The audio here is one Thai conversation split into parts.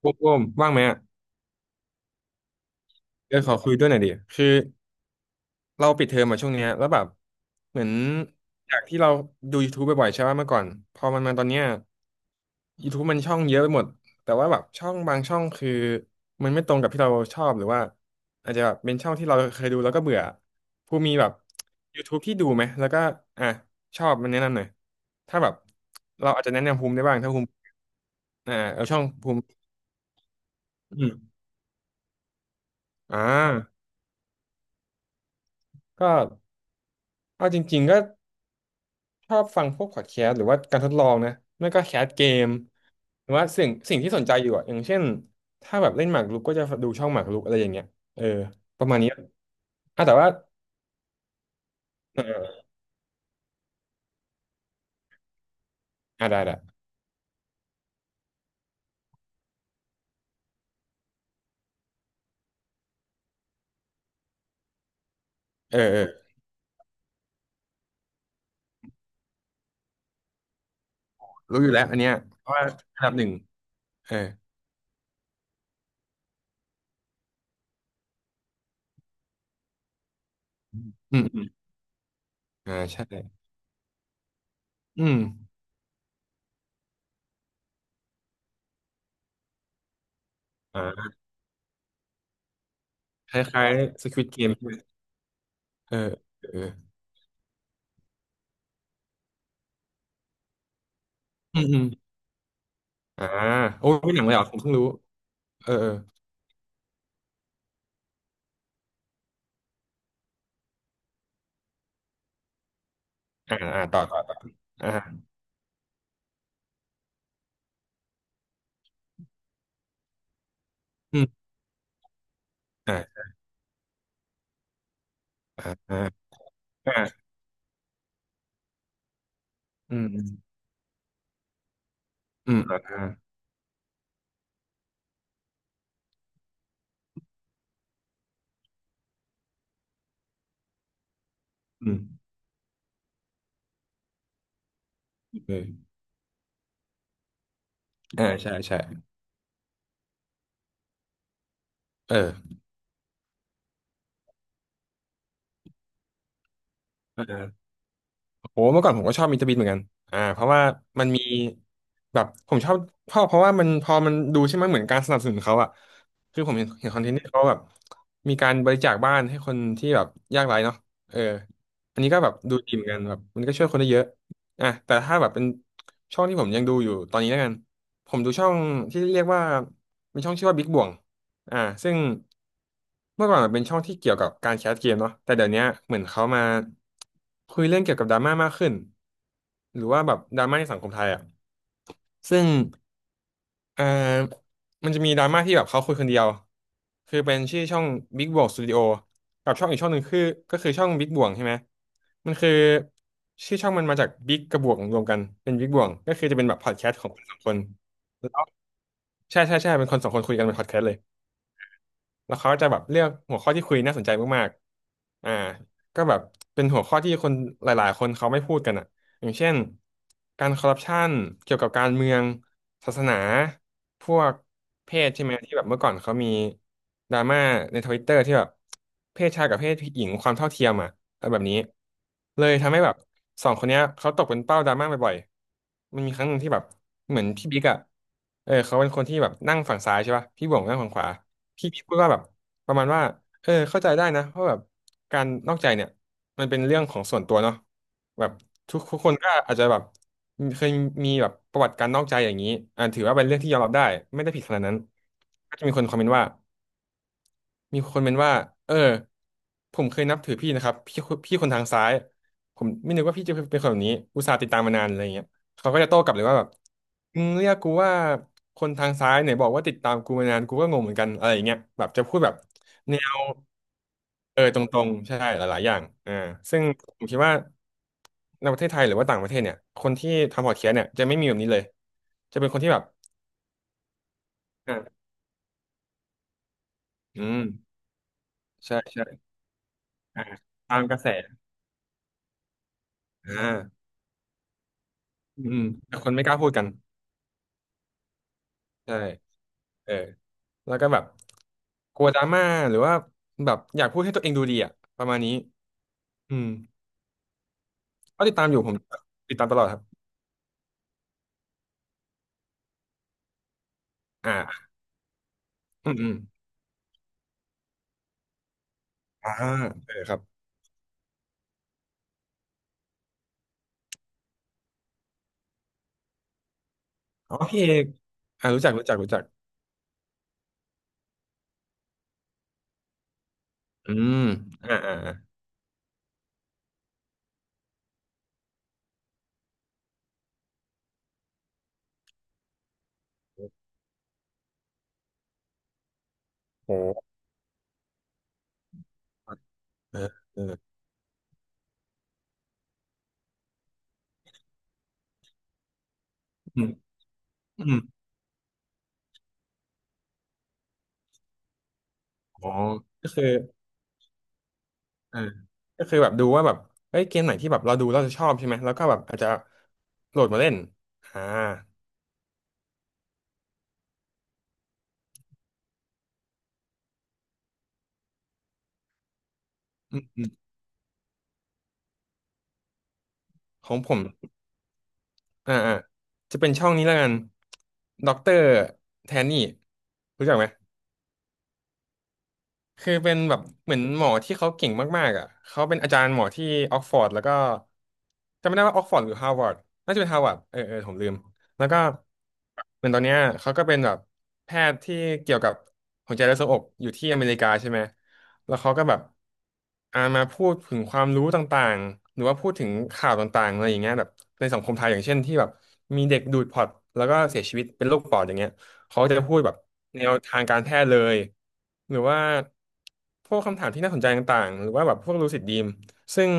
โบมโบมว่างไหมอ่ะเดี๋ยวขอคุยด้วยหน่อยดิคือเราปิดเทอมมาช่วงเนี้ยแล้วแบบเหมือนจากที่เราดู YouTube บ่อยๆใช่ไหมเมื่อก่อนพอมันมาตอนเนี้ย YouTube มันช่องเยอะไปหมดแต่ว่าแบบช่องบางช่องคือมันไม่ตรงกับที่เราชอบหรือว่าอาจจะแบบเป็นช่องที่เราเคยดูแล้วก็เบื่อผู้มีแบบ YouTube ที่ดูไหมแล้วก็อ่ะชอบมันแนะนำหน่อยถ้าแบบเราอาจจะแนะนำภูมิได้บ้างถ้าภูมิเอาช่องภูมิอืมอ่าก็เอาจริงๆก็ ชอบฟังพวกพอดแคสต์หรือว่าการทดลองนะไม่ก็แคสเกมหรือว่าสิ่งที่สนใจอยู่อ่ะอย่างเช่นถ้าแบบเล่นหมากรุกก็จะดูช่องหมากรุกอะไรอย่างเงี้ยเออประมาณนี้อ่ะแต่ว่าอ่ะได้ได้เออเออรู้อยู่แล้วอันเนี้ยเพราะว่าอันดับหนึ่งเอออืมอ่าใช่อืมอ่าคล้ายๆ Squid Game ใช่ไหมเออเออเอออืมอ่าโอ้ยไม่หนังเลยเหรอผมเพิ่งรู้เออเอออ่าอ่าต่อต่อต่ออ่าอืมอ่าอ่าอ่าอ่าอืมอืมอ่า อืมเออใช่ใช่เออเออโหเมื่อก่อนผมก็ชอบมิสเตอร์บีนเหมือนกันเพราะว่ามันมีแบบผมชอบเพราะว่ามันพอมันดูใช่ไหมเหมือนการสนับสนุนเขาอะคือผมเห็นคอนเทนต์ที่เขาแบบมีการบริจาคบ้านให้คนที่แบบยากไร้เนาะเอออันนี้ก็แบบดูดีเหมือนกันแบบมันก็ช่วยคนได้เยอะอ่ะแต่ถ้าแบบเป็นช่องที่ผมยังดูอยู่ตอนนี้แล้วกันผมดูช่องที่เรียกว่าเป็นช่องชื่อว่าบิ๊กบ่วง อ่าซึ่งเมื่อก่อนมันเป็นช่องที่เกี่ยวกับการแคสเกมเนาะแต่เดี๋ยวเนี้ยเหมือนเขามาคุยเรื่องเกี่ยวกับดราม่ามากขึ้นหรือว่าแบบดราม่าในสังคมไทยอ่ะซึ่งอ่ามันจะมีดราม่าที่แบบเขาคุยคนเดียวคือเป็นชื่อช่อง Big Bang Studio กับช่องอีกช่องหนึ่งคือก็คือช่อง Big Bang ใช่ไหมมันคือชื่อช่องมันมาจาก Big กับบวกรวมกันเป็น Big Bang ก็คือจะเป็นแบบพอดแคสต์ของคนสองคนแล้วใช่ใช่ใช่เป็นคนสองคนคุยกันเป็นพอดแคสต์เลย แล้วเขาก็จะแบบเลือกหัวข้อที่คุยน่าสนใจมากๆอ่าก็แบบเป็นหัวข้อที่คนหลายๆคนเขาไม่พูดกันอ่ะอย่างเช่นการคอร์รัปชันเกี่ยวกับการเมืองศาสนาพวกเพศใช่ไหมที่แบบเมื่อก่อนเขามีดราม่าในทวิตเตอร์ที่แบบเพศชายกับเพศหญิงความเท่าเทียมอ่ะอะไรแบบนี้เลยทำให้แบบสองคนเนี้ยเขาตกเป็นเป้าดราม่าบ่อยๆ มันมีครั้งหนึ่งที่แบบเหมือนพี่บิ๊กอ่ะเออเขาเป็นคนที่แบบนั่งฝั่งซ้ายใช่ป่ะพี่บ่วงนั่งฝั่งขวา พี่พูดว่าแบบประมาณว่าเออเข้าใจได้นะเพราะแบบการนอกใจเนี่ยมันเป็นเรื่องของส่วนตัวเนาะแบบทุกคนก็อาจจะแบบมีเคยมีแบบประวัติการนอกใจอย่างนี้อ่าถือว่าเป็นเรื่องที่ยอมรับได้ไม่ได้ผิดขนาดนั้นก็จะมีคนคอมเมนต์ว่า มีคนเป็นว่าเออผมเคยนับถือพี่นะครับพี่พี่คนทางซ้ายผมไม่นึกว่าพี่จะเป็นคนแบบนี้อุตส่าห์ติดตามมานานอะไรเงี้ยเขาก็จะโต้กลับเลยว่าแบบมึงเรียกกูว่าคนทางซ้ายไหนบอกว่าติดตามกูมานานกูก็งงเหมือนกันอะไรอย่างเงี้ยแบบจะพูดแบบแนวเออตรงๆใช่หลายๆอย่างอ่าซึ่งผมคิดว่าในประเทศไทยหรือว่าต่างประเทศเนี่ยคนที่ทำพอดแคสต์เนี่ยจะไม่มีแบบนี้เลยจะเป็นคนที่แบบอ่าอืมใช่ใช่อ่าตามกระแสอ่า อืมแต่คนไม่กล้าพูดกันใช่เออแล้วก็แบบกลัวดราม่าหรือว่าแบบอยากพูดให้ตัวเองดูดีอ่ะประมาณนี้อืมก็ติดตามอยู่ผมติดตามตลอดครับอ่าอืมอืมอ่าเออครับอ๋อพี่เอกรู้จักรู้จักรู้จักอืมอ่าอ่าอ่าโหเออเอออืมอืมอ๋อก็คืออ่าก็คือแบบดูว่าแบบเฮ้ยเกมไหนที่แบบเราดูเราจะชอบใช่ไหมแล้วก็แบบอาจจะโหลดมาเล่นอ่าอืมอืมของผม อ่าอ่าจะเป็นช่องนี้แล้วกันด็อกเตอร์แทนนี่รู้จักไหม คือเป็นแบบเหมือนหมอที่เขาเก่งมากๆอ่ะเขาเป็นอาจารย์หมอที่ออกฟอร์ดแล้วก็จำไม่ได้ว่าออกฟอร์ดหรือฮาร์วาร์ดน่าจะเป็นฮาร์วาร์ดผมลืมแล้วก็เหมือนตอนเนี้ยเขาก็เป็นแบบแพทย์ที่เกี่ยวกับหัวใจและทรวงอกอยู่ที่อเมริกาใช่ไหมแล้วเขาก็แบบมาพูดถึงความรู้ต่างๆหรือว่าพูดถึงข่าวต่างๆอะไรอย่างเงี้ยแบบในสังคมไทยอย่างเช่นที่แบบมีเด็กดูดพอร์ตแล้วก็เสียชีวิตเป็นโรคปอดอย่างเงี้ย เขาจะพูดแบบแนวทางการแพทย์เลยหรือว่าพวกคำถามที่น่าสนใจต่างๆหรือว่าแบบพวกลูซิดดรีมซึ่ง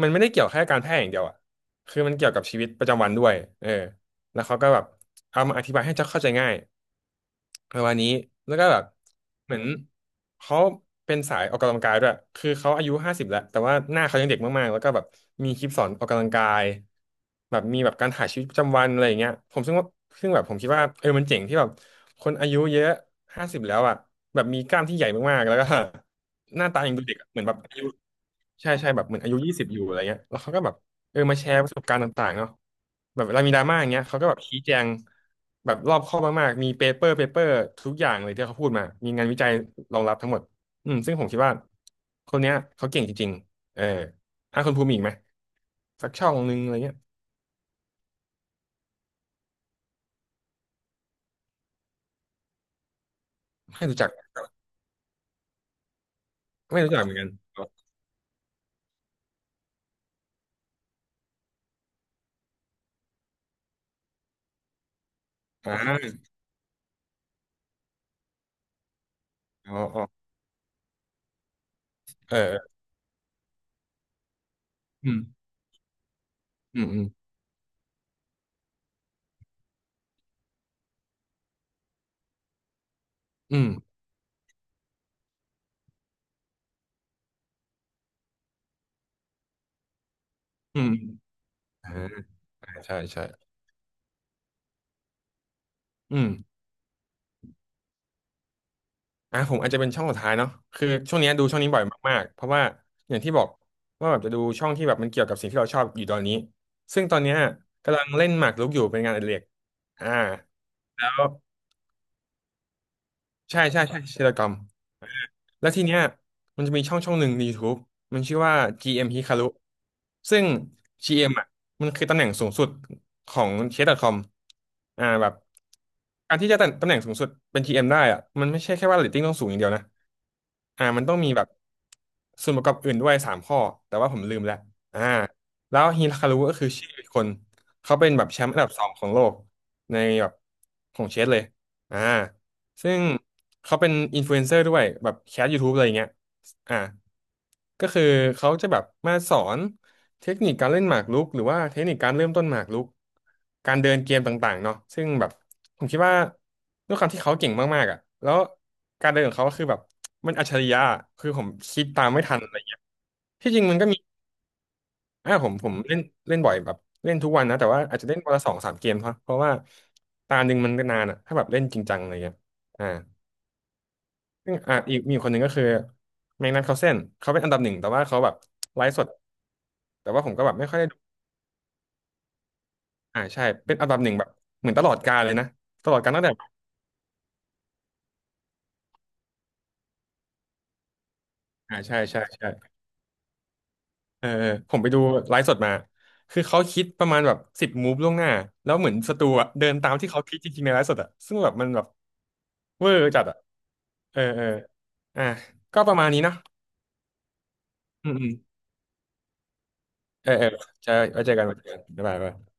มันไม่ได้เกี่ยวแค่การแพทย์อย่างเดียวอ่ะคือมันเกี่ยวกับชีวิตประจำวันด้วยเออแล้วเขาก็แบบเอามาอธิบายให้เข้าใจง่าย ประมาณนี้แล้วก็แบบเหมือนเขาเป็นสายออกกำลังกายด้วยคือเขาอายุห้าสิบแล้วแต่ว่าหน้าเขายังเด็กมากๆแล้วก็แบบมีคลิปสอนออกกำลังกายแบบมีแบบการถ่ายชีวิตประจำวันอะไรอย่างเงี้ยผมซึ่งว่าซึ่งแบบผมคิดว่าเออมันเจ๋งที่แบบคนอายุเยอะห้าสิบแล้วอ่ะแบบมีกล้ามที่ใหญ่มากๆแล้วก็ หน้าตายังดูเด็กอะเหมือนแบบอายุ ใช่ใช่แบบเหมือนอายุ20อยู่อะไรเงี้ยแล้วเขาก็แบบเออมาแชร์ประสบการณ์ต่างๆเนาะแบบเวลามีดราม่าอย่างเงี้ยเขาก็แบบชี้แจงแบบรอบคอบมากๆมีเปเปอร์ทุกอย่างเลยที่เขาพูดมามีงานวิจัยรองรับทั้งหมดอืมซึ่งผมคิดว่าคนเนี้ยเขาเก่งจริงๆเออถ้าคนภูมิอีกไหมสักช่องนึงอะไรเงี้ยไม่รู้จักไม่รู้จักเหมือนกันอ่าอ๋ออ๋อเออเอออืมอืมอืมอืมอืมอ่าใช่ใช่อืม อ่ะผมอาจจะเป็นช่องสุดท้ายเนาะคือช่วงเนี้ยดูช่องนี้บ่อยมากๆเพราะว่าอย่างที่บอกว่าแบบจะดูช่องที่แบบมันเกี่ยวกับสิ่งที่เราชอบอยู่ตอนนี้ซึ่งตอนเนี้ยกำลังเล่นหมากรุกอยู่เป็นงานอดิเรกอ่าแล้วใช่ใช่ใช่เชลกอม แล้วทีเนี้ยมันจะมีช่องช่องหนึ่งใน y ู u มันชื่อว่า GM Hikaru ซึ่ง GM อมอ่ะมันคือตำแหน่งสูงสุดของเชฟด .com อมอ่าแบบการที่จะตำแหน่งสูงสุดเป็น GM ได้อ่ะมันไม่ใช่แค่ว่าเรตติ้งต้องสูงอย่างเดียวนะอ่ามันต้องมีแบบส่วนประกอบอื่นด้วยสามข้อแต่ว่าผมลืมแล้วอ่าแล้วฮิคารุก็คือชื่ออีกคนเขาเป็นแบบแชมป์อันดับสองของโลกในแบบของเชสเลยอ่า ซึ่งเขาเป็นอินฟลูเอนเซอร์ด้วยแบบแคส YouTube อะไรอย่างเงี้ยอ่าก็คือเขาจะแบบมาสอนเทคนิคการเล่นหมากรุกหรือว่าเทคนิคการเริ่มต้นหมากรุกการเดินเกมต่างๆเนาะซึ่งแบบผมคิดว่าด้วยความที่เขาเก่งมากๆอ่ะแล้วการเดินของเขาก็คือแบบมันอัจฉริยะคือผมคิดตามไม่ทันอะไรเงี้ยที่จริงมันก็มีอ่าผมเล่นเล่นบ่อยแบบเล่นทุกวันนะแต่ว่าอาจจะเล่นวันละสองสามเกมเพราะว่าตาหนึ่งมันก็นานอ่ะถ้าแบบเล่นจริงจังอะไรเงี้ยอ่า ซึ่งอ่ะอีกมีคนหนึ่งก็คือแมกนัสคาร์ลเซนเขาเป็นอันดับหนึ่งแต่ว่าเขาแบบไลฟ์สดแต่ว่าผมก็แบบไม่ค่อยได้ดูอ่าใช่เป็นอันดับหนึ่งแบบเหมือนตลอดกาลเลยนะตลอดกาลตั้งแต่อ่าใช่ใช่ใช่เออเออผมไปดูไลฟ์สดมาคือเขาคิดประมาณแบบ10 มูฟล่วงหน้าแล้วเหมือนสตูอะเดินตามที่เขาคิดจริงๆในไลฟ์สดอะซึ่งแบบมันแบบเวอร์จัดอะเออเอออ่ะก็ประมาณนี้เนอะอืมอืมเออเออใช่ไว้เจอกันไว้เจอกันบ๊ายบาย